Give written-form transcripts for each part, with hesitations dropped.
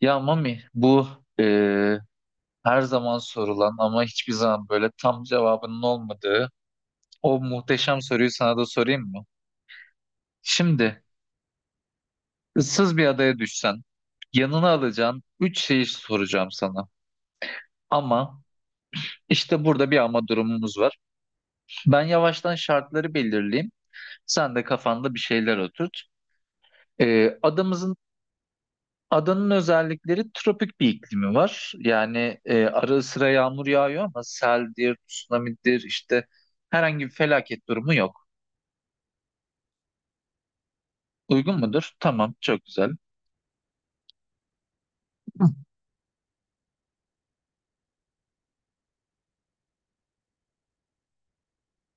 Ya Mami, bu e, her zaman sorulan ama hiçbir zaman böyle tam cevabının olmadığı o muhteşem soruyu sana da sorayım mı? Şimdi ıssız bir adaya düşsen yanına alacağın üç şeyi soracağım sana. Ama işte burada bir ama durumumuz var. Ben yavaştan şartları belirleyeyim. Sen de kafanda bir şeyler oturt. E, adamızın Adanın özellikleri tropik bir iklimi var. Yani ara sıra yağmur yağıyor ama seldir, tsunamidir işte herhangi bir felaket durumu yok. Uygun mudur? Tamam, çok güzel.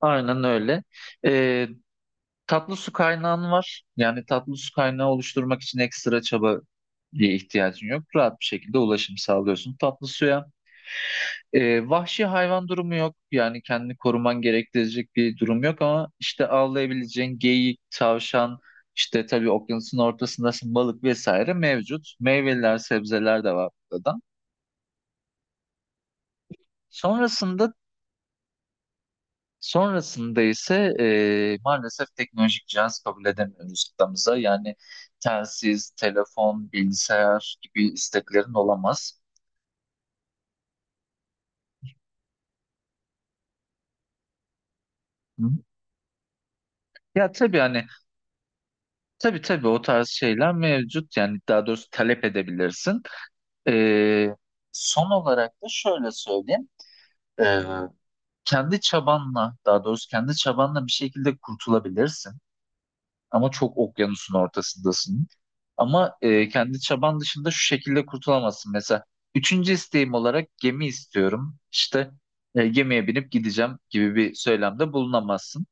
Aynen öyle. E, Tatlı su kaynağın var. Yani tatlı su kaynağı oluşturmak için ekstra çaba diye ihtiyacın yok. Rahat bir şekilde ulaşım sağlıyorsun tatlı suya. Vahşi hayvan durumu yok. Yani kendini koruman gerektirecek bir durum yok ama işte avlayabileceğin geyik, tavşan, işte tabii okyanusun ortasındasın balık vesaire mevcut. Meyveler, sebzeler de var burada. Sonrasında sonrasında ise maalesef teknolojik cihaz kabul edemiyoruz kıtamıza. Yani telsiz, telefon, bilgisayar gibi isteklerin olamaz. Hı hı. Ya tabii hani tabii o tarz şeyler mevcut. Yani daha doğrusu talep edebilirsin. Ee, Son olarak da şöyle söyleyeyim. Ee, Kendi çabanla, daha doğrusu kendi çabanla bir şekilde kurtulabilirsin. Ama çok okyanusun ortasındasın. Ama kendi çaban dışında şu şekilde kurtulamazsın. Mesela üçüncü isteğim olarak gemi istiyorum. İşte gemiye binip gideceğim gibi bir söylemde bulunamazsın.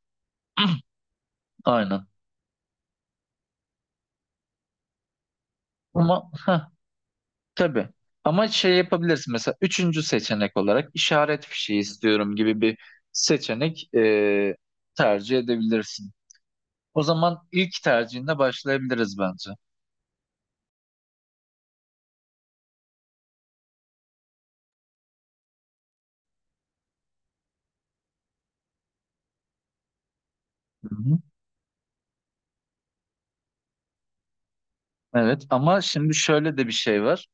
Aynen. Ama tabii. Ama şey yapabilirsin, mesela üçüncü seçenek olarak işaret fişeği istiyorum gibi bir seçenek tercih edebilirsin. O zaman ilk tercihinde başlayabiliriz bence. Hı hı. Evet, ama şimdi şöyle de bir şey var.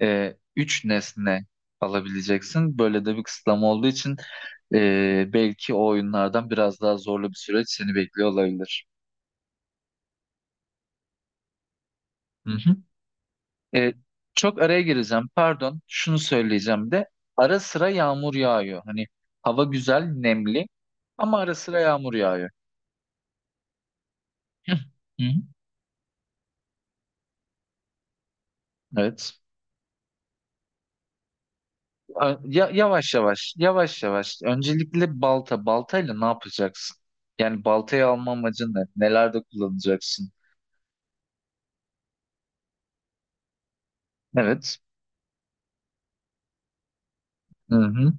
Üç nesne alabileceksin. Böyle de bir kısıtlama olduğu için belki o oyunlardan biraz daha zorlu bir süreç seni bekliyor olabilir. Hı hı. E, Çok araya gireceğim. Pardon, şunu söyleyeceğim de. Ara sıra yağmur yağıyor. Hani hava güzel, nemli ama ara sıra yağmur yağıyor. Hı hı. Evet. Ya, yavaş yavaş, yavaş yavaş. Öncelikle balta. Baltayla ne yapacaksın? Yani baltayı alma amacın ne? Nelerde kullanacaksın? Evet. Hı hı.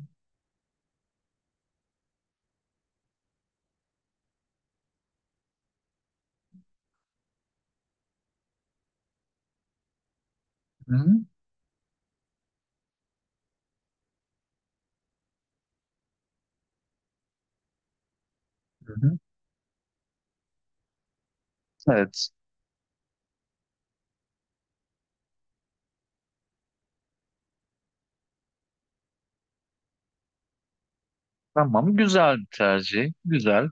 Hı hı. Hı hı. Evet. Tamam. Güzel bir tercih. Güzel.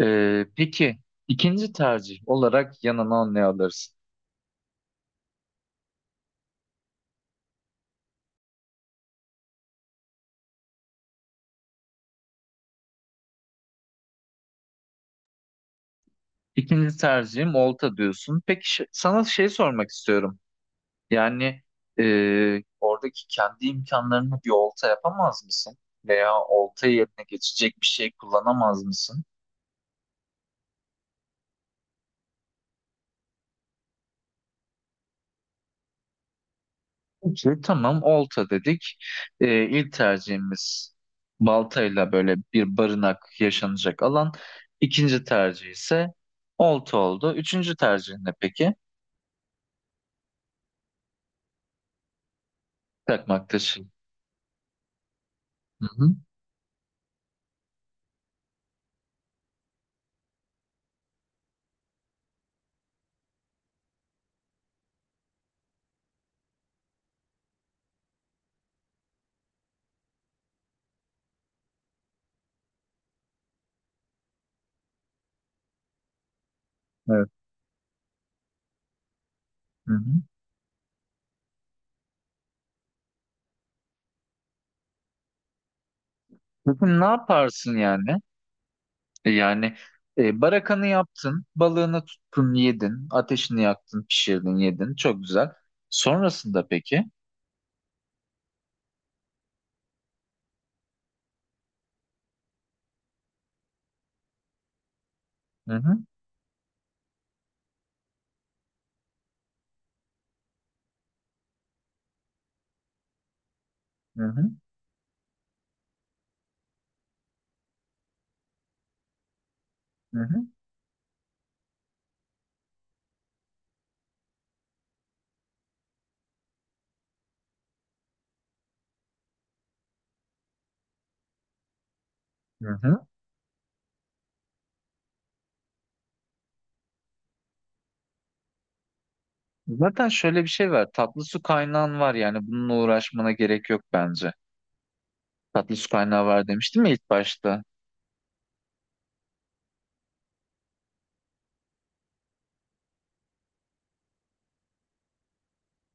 Peki ikinci tercih olarak yanına ne alırsın? İkinci tercihim olta diyorsun. Peki sana şey sormak istiyorum. Yani oradaki kendi imkanlarını bir olta yapamaz mısın? Veya olta yerine geçecek bir şey kullanamaz mısın? Peki. Tamam, olta dedik. İlk tercihimiz baltayla böyle bir barınak, yaşanacak alan. İkinci tercih ise olta oldu. Üçüncü tercih ne peki? Takmak taşı. Hı hı. Evet. Hı hı. Peki ne yaparsın yani? Yani barakanı yaptın, balığını tuttun, yedin, ateşini yaktın, pişirdin, yedin. Çok güzel. Sonrasında peki? Hı hı, hı hı, hı hı, hı hı. Zaten şöyle bir şey var. Tatlı su kaynağın var, yani bununla uğraşmana gerek yok bence. Tatlı su kaynağı var demiştim ya ilk başta.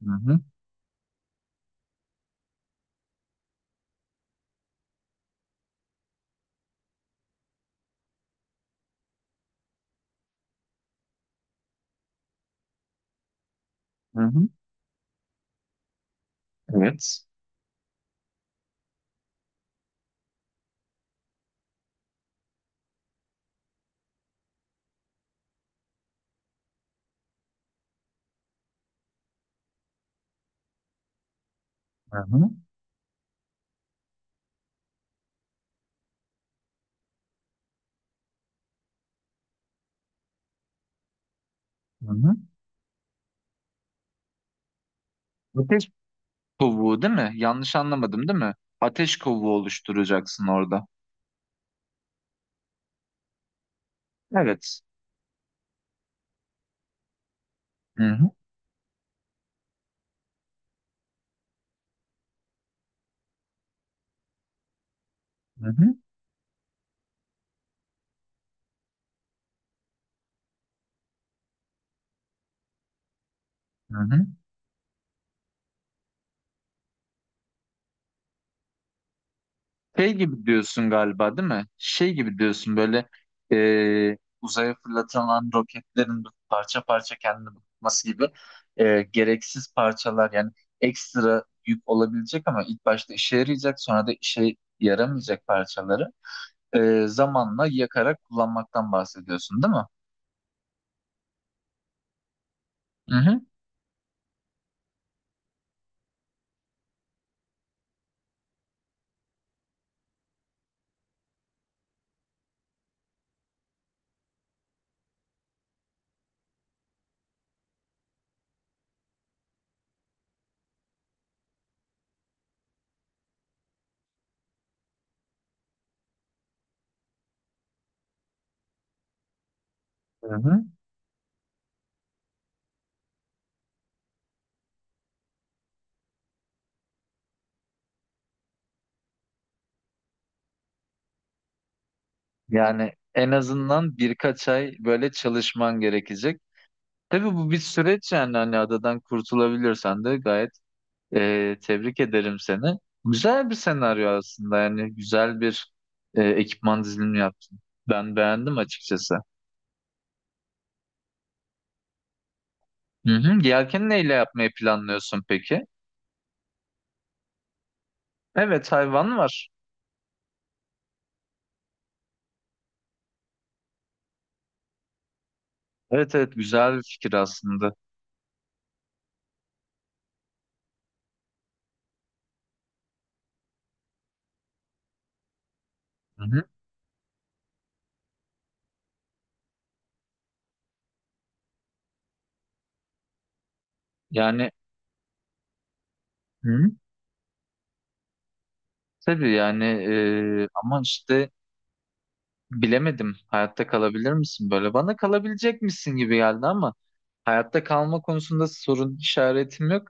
Hı hı, hı hı. Evet. Hı hı, hı hı. Ateş kovuğu değil mi? Yanlış anlamadım değil mi? Ateş kovuğu oluşturacaksın orada. Evet. Hı hı, hı hı, hı hı. Şey gibi diyorsun galiba değil mi? Şey gibi diyorsun, böyle uzaya fırlatılan roketlerin parça parça kendini bulması gibi gereksiz parçalar, yani ekstra yük olabilecek ama ilk başta işe yarayacak sonra da işe yaramayacak parçaları zamanla yakarak kullanmaktan bahsediyorsun değil mi? Hı hı. Hı hı. Yani en azından birkaç ay böyle çalışman gerekecek. Tabii bu bir süreç, yani hani adadan kurtulabilirsen de gayet. Tebrik ederim seni. Güzel bir senaryo aslında, yani güzel bir ekipman dizilimi yaptın. Ben beğendim açıkçası. Hı hı. Yelkeni neyle yapmayı planlıyorsun peki? Evet, hayvan var. Evet evet, güzel bir fikir aslında. Hı hı. Yani hı hı. Tabii yani ama işte bilemedim, hayatta kalabilir misin böyle? Bana kalabilecek misin gibi geldi ama hayatta kalma konusunda sorun işaretim yok.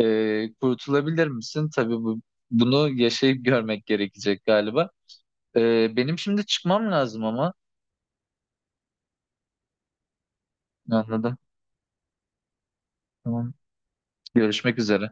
Kurtulabilir misin? Tabii bunu yaşayıp görmek gerekecek galiba. Benim şimdi çıkmam lazım ama. Anladım. Tamam. Görüşmek üzere.